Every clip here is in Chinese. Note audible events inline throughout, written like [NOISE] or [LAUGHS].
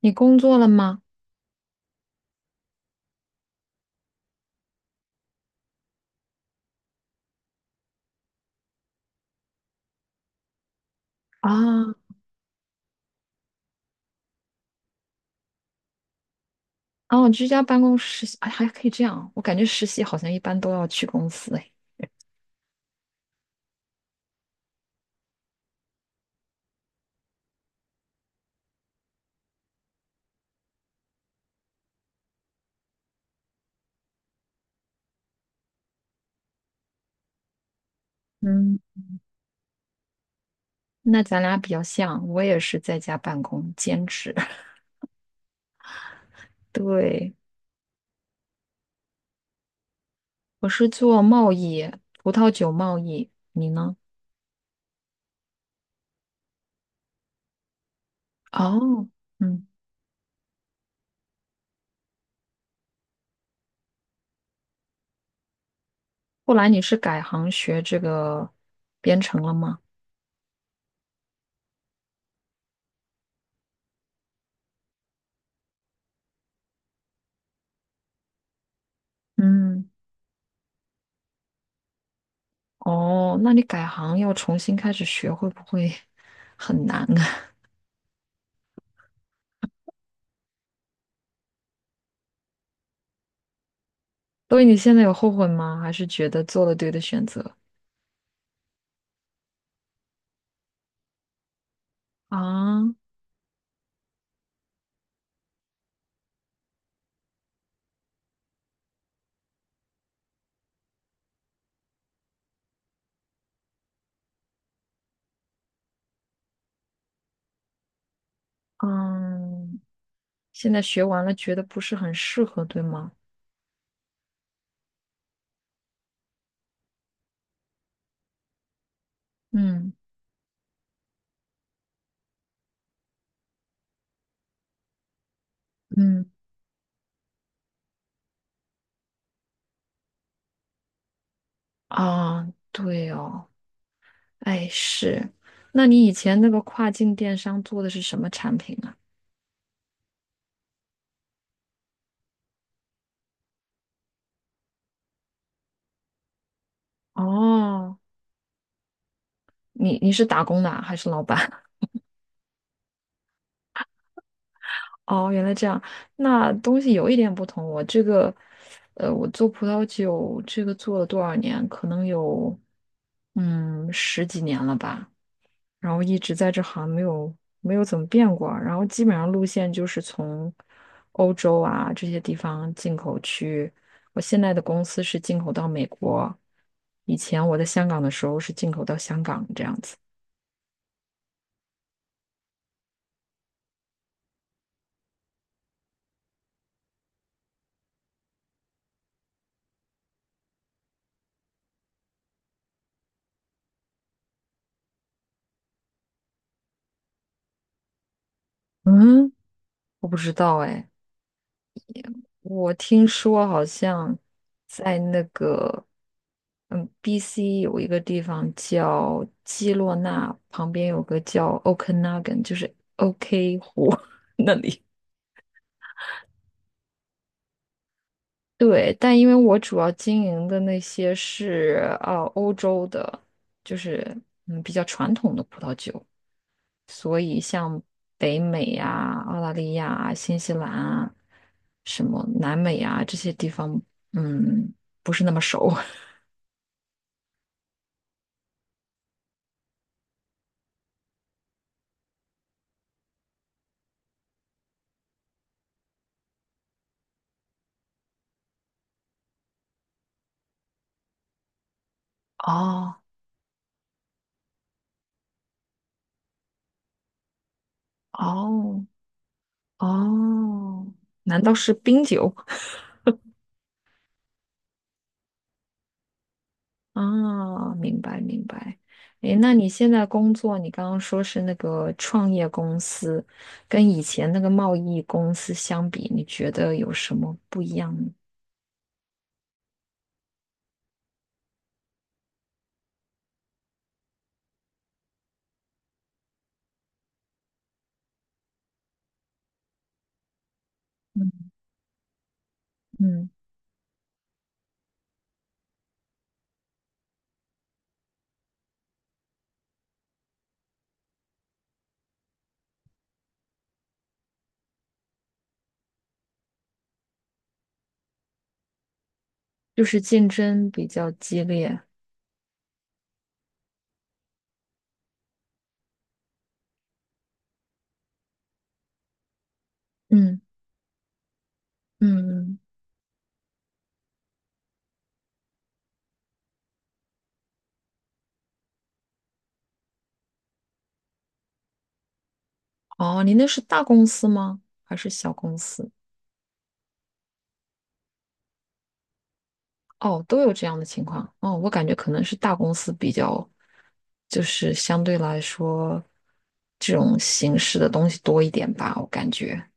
你工作了吗？啊。哦，居家办公实习，哎，还可以这样啊。我感觉实习好像一般都要去公司，哎，嗯。那咱俩比较像，我也是在家办公兼职。[LAUGHS] 对，我是做贸易，葡萄酒贸易。你呢？哦。嗯。后来你是改行学这个编程了吗？嗯。哦，那你改行要重新开始学，会不会很难啊？[LAUGHS] 所以你现在有后悔吗？还是觉得做了对的选择？啊。嗯。现在学完了，觉得不是很适合，对吗？嗯嗯。啊，对哦，哎是，那你以前那个跨境电商做的是什么产品啊？哦。你你是打工的啊还是老板？[LAUGHS] 哦，原来这样，那东西有一点不同。我这个，我做葡萄酒这个做了多少年？可能有，嗯，十几年了吧。然后一直在这行没有怎么变过，然后基本上路线就是从欧洲啊这些地方进口去。我现在的公司是进口到美国，以前我在香港的时候是进口到香港这样子。嗯，我不知道哎。我听说好像在那个BC 有一个地方叫基洛纳，旁边有个叫 Okanagan,就是 OK 湖 [LAUGHS] 那里。对，但因为我主要经营的那些是欧洲的，就是比较传统的葡萄酒，所以像北美呀、澳大利亚啊新西兰啊、什么南美啊这些地方，嗯，不是那么熟。[LAUGHS] 哦哦哦，难道是冰酒？啊，明白明白。诶，那你现在工作，你刚刚说是那个创业公司，跟以前那个贸易公司相比，你觉得有什么不一样呢？嗯。嗯，就是竞争比较激烈。嗯嗯。嗯。哦，你那是大公司吗？还是小公司？哦，都有这样的情况。哦，我感觉可能是大公司比较，就是相对来说，这种形式的东西多一点吧，我感觉。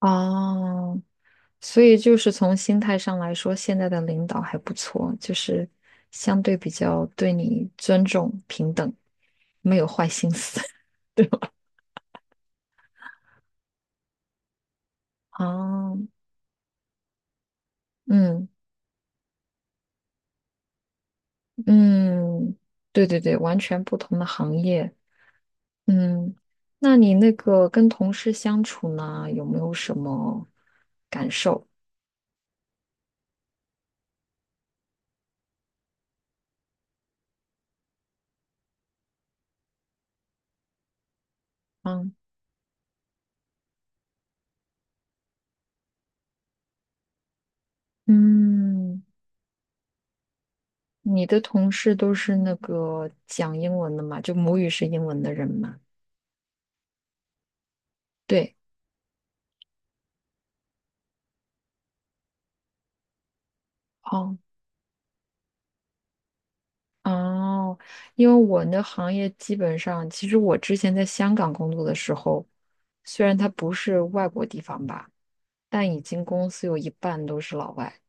哦，所以就是从心态上来说，现在的领导还不错，就是相对比较对你尊重、平等，没有坏心思。[LAUGHS] 对吧？哦。嗯嗯。对对对，完全不同的行业。嗯。那你那个跟同事相处呢，有没有什么感受？啊。嗯。你的同事都是那个讲英文的嘛，就母语是英文的人嘛？对。哦哦，因为我那行业基本上，其实我之前在香港工作的时候，虽然它不是外国地方吧，但已经公司有一半都是老外。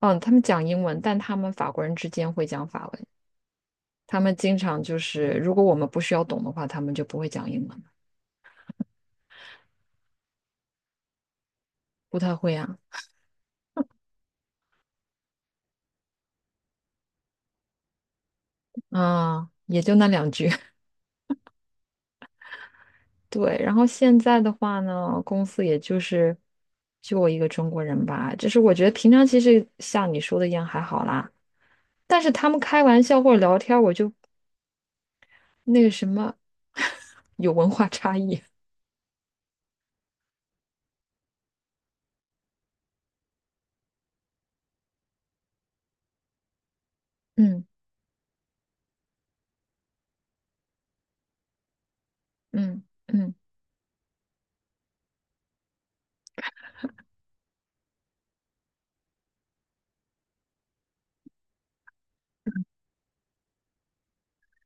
嗯，他们讲英文，但他们法国人之间会讲法文。他们经常就是，如果我们不需要懂的话，他们就不会讲英文。不太会啊。啊，也就那两句。[LAUGHS] 对，然后现在的话呢，公司也就是就我一个中国人吧，就是我觉得平常其实像你说的一样还好啦。但是他们开玩笑或者聊天儿我就那个什么，[LAUGHS] 有文化差异。嗯嗯嗯。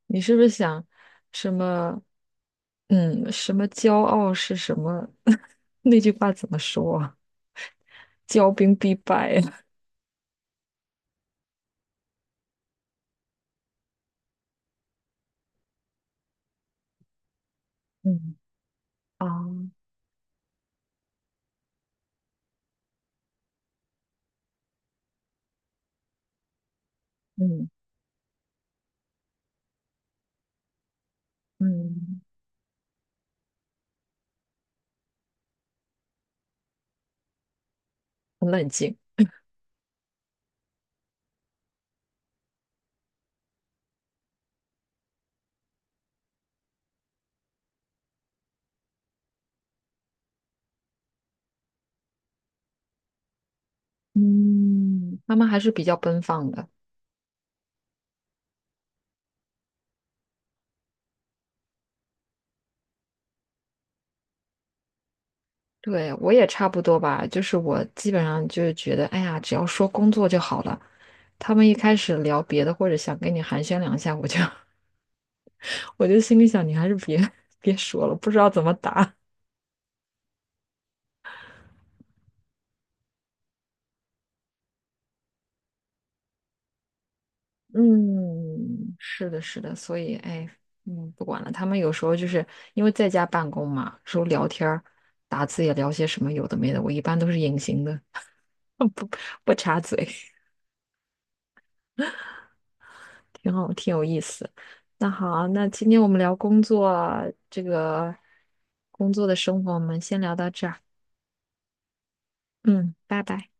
你是不是想什么？嗯，什么骄傲是什么？[LAUGHS] 那句话怎么说啊？骄兵必败啊。[LAUGHS] 嗯。啊。嗯嗯。很冷静。嗯，妈妈还是比较奔放的。对，我也差不多吧，就是我基本上就是觉得，哎呀，只要说工作就好了。他们一开始聊别的，或者想跟你寒暄两下，我就 [LAUGHS] 我就心里想，你还是别 [LAUGHS] 别说了，不知道怎么答。嗯，是的，是的，所以哎，嗯，不管了。他们有时候就是因为在家办公嘛，说聊天儿、打字也聊些什么有的没的，我一般都是隐形的，[LAUGHS] 不插嘴。挺好，挺有意思。那好，那今天我们聊工作，这个工作的生活，我们先聊到这儿。嗯，拜拜。